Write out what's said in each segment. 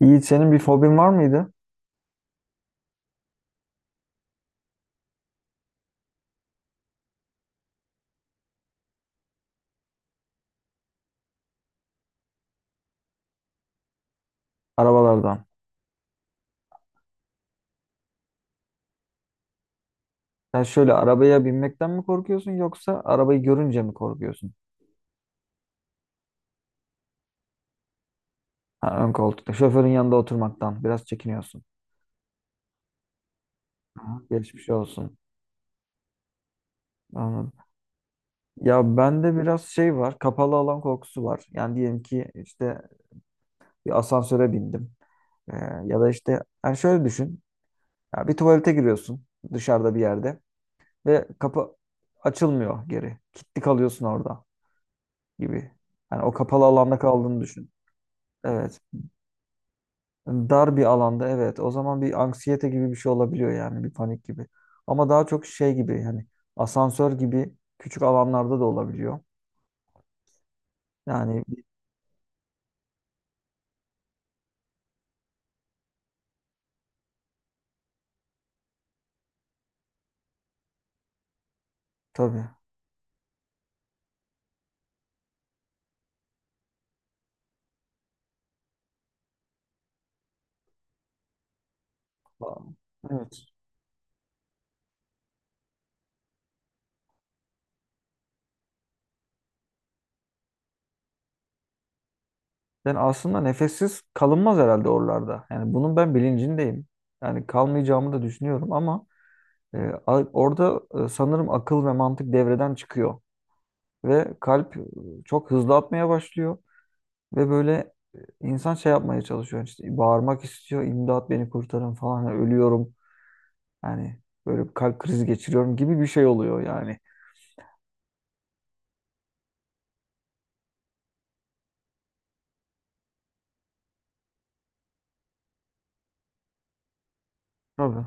Yiğit senin bir fobin var mıydı arabalardan? Sen şöyle arabaya binmekten mi korkuyorsun yoksa arabayı görünce mi korkuyorsun? Ha, ön koltukta şoförün yanında oturmaktan biraz çekiniyorsun. Aha. Geçmiş olsun. Anladım. Ya bende biraz şey var, kapalı alan korkusu var. Yani diyelim ki işte bir asansöre bindim. Ee, ya da işte yani şöyle düşün. Ya bir tuvalete giriyorsun dışarıda bir yerde ve kapı açılmıyor geri. Kilitli kalıyorsun orada gibi. Yani o kapalı alanda kaldığını düşün. Evet. Dar bir alanda, evet. O zaman bir anksiyete gibi bir şey olabiliyor, yani bir panik gibi. Ama daha çok şey gibi, yani asansör gibi küçük alanlarda da olabiliyor. Yani tabii. Evet. Yani aslında nefessiz kalınmaz herhalde oralarda. Yani bunun ben bilincindeyim. Yani kalmayacağımı da düşünüyorum ama e, orada, sanırım akıl ve mantık devreden çıkıyor. Ve kalp çok hızlı atmaya başlıyor. Ve böyle insan şey yapmaya çalışıyor, işte bağırmak istiyor, imdat beni kurtarın falan, ölüyorum yani, böyle bir kalp krizi geçiriyorum gibi bir şey oluyor yani. Tabii.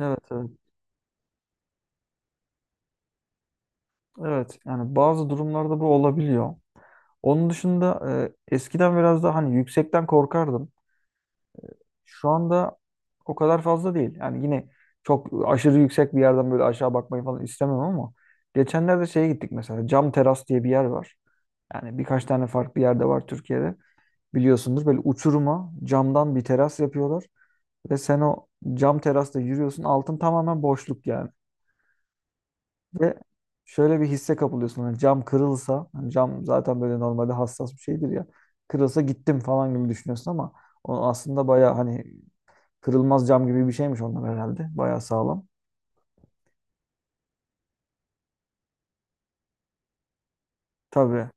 Evet, evet. Evet, yani bazı durumlarda bu olabiliyor. Onun dışında, eskiden biraz daha hani yüksekten korkardım. Şu anda o kadar fazla değil. Yani yine çok aşırı yüksek bir yerden böyle aşağı bakmayı falan istemem ama geçenlerde şeye gittik, mesela Cam Teras diye bir yer var. Yani birkaç tane farklı yerde var Türkiye'de. Biliyorsundur, böyle uçuruma camdan bir teras yapıyorlar ve sen o cam terasta yürüyorsun, altın tamamen boşluk yani. Ve şöyle bir hisse kapılıyorsun, hani cam kırılsa, hani cam zaten böyle normalde hassas bir şeydir ya, kırılsa gittim falan gibi düşünüyorsun ama o aslında baya hani kırılmaz cam gibi bir şeymiş onlar herhalde, baya sağlam. Tabii.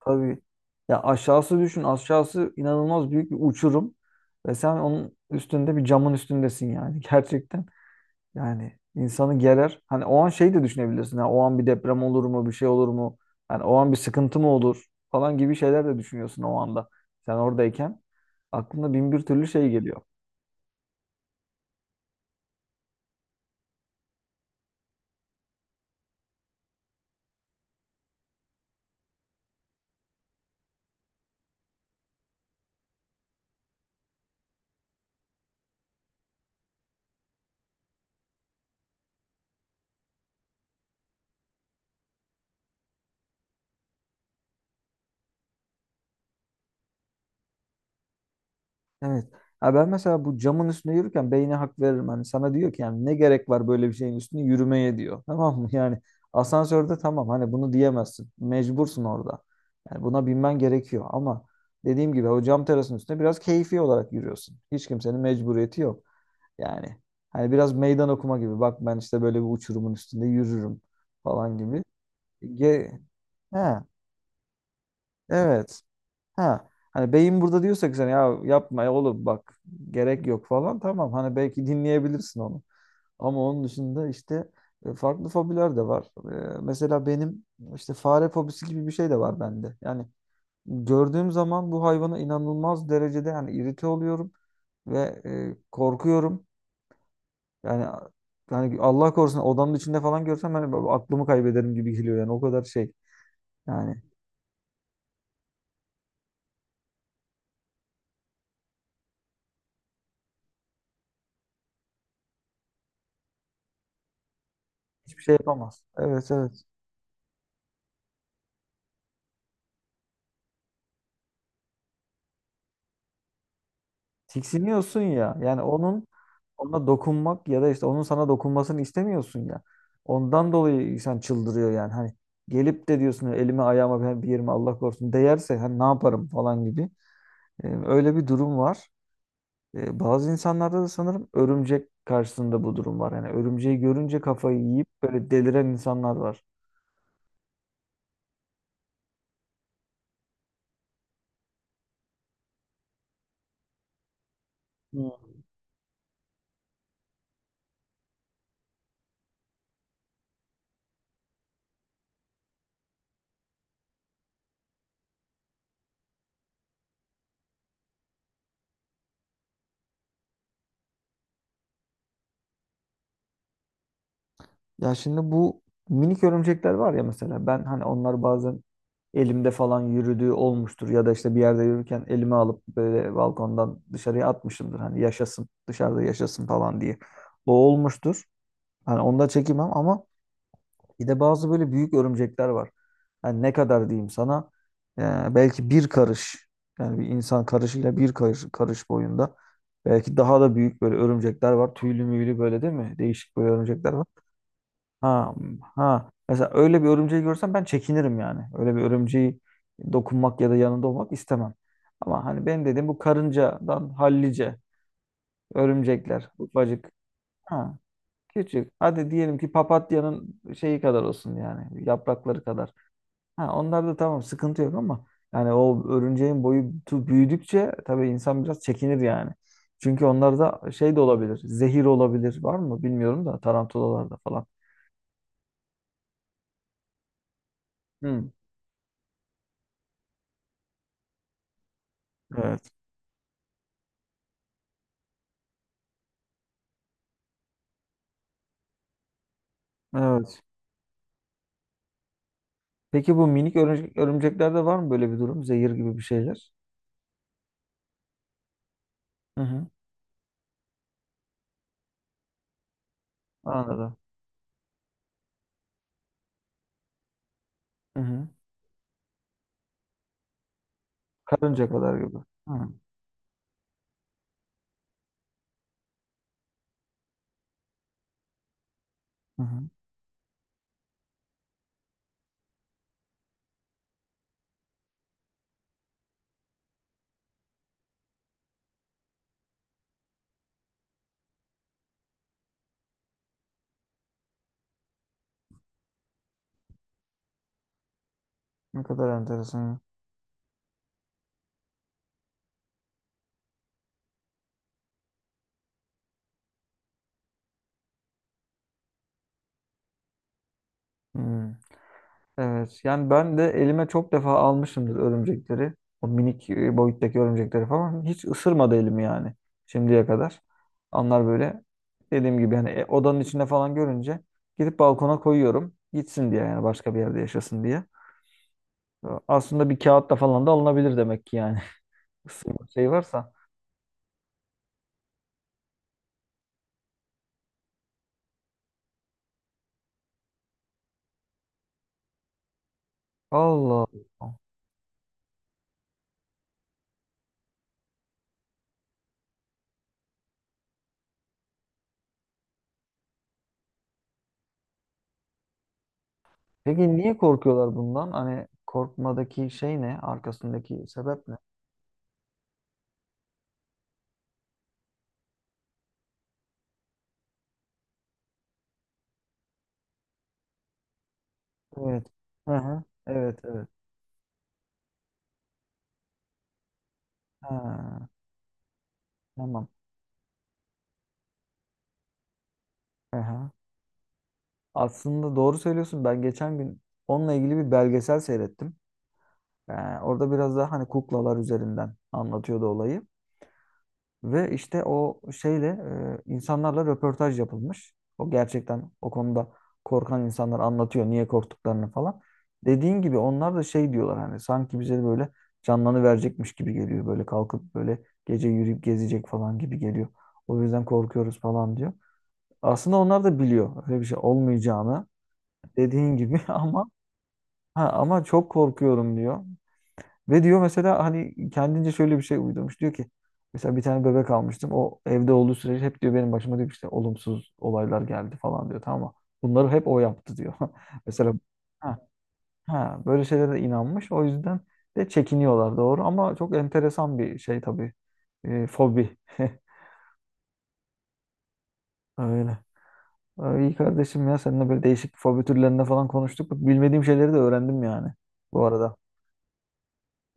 Tabii, ya aşağısı düşün, aşağısı inanılmaz büyük bir uçurum ve sen onun üstünde, bir camın üstündesin yani gerçekten. Yani insanı gerer. Hani o an şey de düşünebilirsin. Ha, o an bir deprem olur mu, bir şey olur mu? Hani o an bir sıkıntı mı olur falan gibi şeyler de düşünüyorsun o anda. Sen oradayken aklına bin bir türlü şey geliyor. Evet. Ha, ben mesela bu camın üstünde yürürken beyne hak veririm. Hani sana diyor ki yani ne gerek var böyle bir şeyin üstünde yürümeye diyor. Tamam mı? Yani asansörde tamam, hani bunu diyemezsin. Mecbursun orada. Yani buna binmen gerekiyor ama dediğim gibi o cam terasının üstünde biraz keyfi olarak yürüyorsun. Hiç kimsenin mecburiyeti yok. Yani hani biraz meydan okuma gibi. Bak ben işte böyle bir uçurumun üstünde yürürüm falan gibi. Ge ha, evet. Ha. Hani beyin burada diyorsa ki sen ya yapma, ya oğlum bak gerek yok falan, tamam. Hani belki dinleyebilirsin onu. Ama onun dışında işte farklı fobiler de var. Mesela benim işte fare fobisi gibi bir şey de var bende. Yani gördüğüm zaman bu hayvana inanılmaz derecede yani irite oluyorum ve korkuyorum. Yani yani Allah korusun odanın içinde falan görsem ben aklımı kaybederim gibi geliyor yani, o kadar şey. Yani hiçbir şey yapamaz. Evet, evet. Tiksiniyorsun ya. Yani onun, ona dokunmak ya da işte onun sana dokunmasını istemiyorsun ya. Ondan dolayı insan çıldırıyor yani. Hani gelip de diyorsun elime ayağıma ben bir yerime Allah korusun değerse hani ne yaparım falan gibi. Öyle bir durum var. Bazı insanlarda da sanırım örümcek karşısında bu durum var. Yani örümceği görünce kafayı yiyip böyle deliren insanlar var. Hmm. Ya şimdi bu minik örümcekler var ya, mesela ben hani onlar bazen elimde falan yürüdüğü olmuştur ya da işte bir yerde yürürken elime alıp böyle balkondan dışarıya atmışımdır hani yaşasın dışarıda, yaşasın falan diye. O olmuştur. Hani onu da çekemem ama bir de bazı böyle büyük örümcekler var. Yani ne kadar diyeyim sana, belki bir karış, yani bir insan karışıyla bir karış, karış boyunda, belki daha da büyük böyle örümcekler var. Tüylü müylü böyle, değil mi? Değişik böyle örümcekler var. Ha, ha. Mesela öyle bir örümceği görsem ben çekinirim yani. Öyle bir örümceği dokunmak ya da yanında olmak istemem. Ama hani benim dediğim bu karıncadan hallice örümcekler, ufacık. Ha, küçük. Hadi diyelim ki papatyanın şeyi kadar olsun, yani yaprakları kadar. Ha, onlar da tamam sıkıntı yok ama yani o örümceğin boyutu büyüdükçe tabii insan biraz çekinir yani. Çünkü onlar da şey de olabilir. Zehir olabilir. Var mı bilmiyorum da tarantulalarda falan. Hı, evet. Evet. Peki bu minik örümceklerde var mı böyle bir durum? Zehir gibi bir şeyler. Hı hı. Anladım. Hı hı. Karınca kadar gibi. Hı. Hı hı. Ne kadar enteresan. Hı. Evet. Yani ben de elime çok defa almışımdır örümcekleri. O minik boyuttaki örümcekleri falan. Hiç ısırmadı elimi yani şimdiye kadar. Onlar böyle dediğim gibi yani, odanın içinde falan görünce gidip balkona koyuyorum. Gitsin diye yani, başka bir yerde yaşasın diye. Aslında bir kağıtla falan da alınabilir demek ki yani. Isırma şey varsa. Allah Allah. Peki niye korkuyorlar bundan? Hani korkmadaki şey ne? Arkasındaki sebep ne? Evet. Hı hı. Evet, evet. Ha, tamam. Hı hı. Aslında doğru söylüyorsun. Ben geçen gün onunla ilgili bir belgesel seyrettim. Ee, Orada biraz daha hani kuklalar üzerinden anlatıyordu olayı. Ve işte o şeyle insanlarla röportaj yapılmış. O gerçekten o konuda korkan insanlar anlatıyor niye korktuklarını falan. Dediğin gibi onlar da şey diyorlar, hani sanki bize de böyle canlarını verecekmiş gibi geliyor. Böyle kalkıp böyle gece yürüyüp gezecek falan gibi geliyor. O yüzden korkuyoruz falan diyor. Aslında onlar da biliyor öyle bir şey olmayacağını, dediğin gibi, ama ha, ama çok korkuyorum diyor. Ve diyor mesela hani kendince şöyle bir şey uydurmuş. Diyor ki mesela bir tane bebek almıştım. O evde olduğu sürece hep diyor benim başıma diyor ki işte olumsuz olaylar geldi falan diyor. Tamam mı? Bunları hep o yaptı diyor. Mesela ha, ha, böyle şeylere de inanmış. O yüzden de çekiniyorlar, doğru, ama çok enteresan bir şey tabii. Fobi. Öyle. Ay, İyi kardeşim ya, seninle böyle değişik fobi türlerinde falan konuştuk. Bak, bilmediğim şeyleri de öğrendim yani bu arada.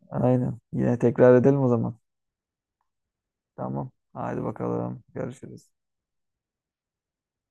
Aynen. Yine tekrar edelim o zaman. Tamam. Haydi bakalım. Görüşürüz.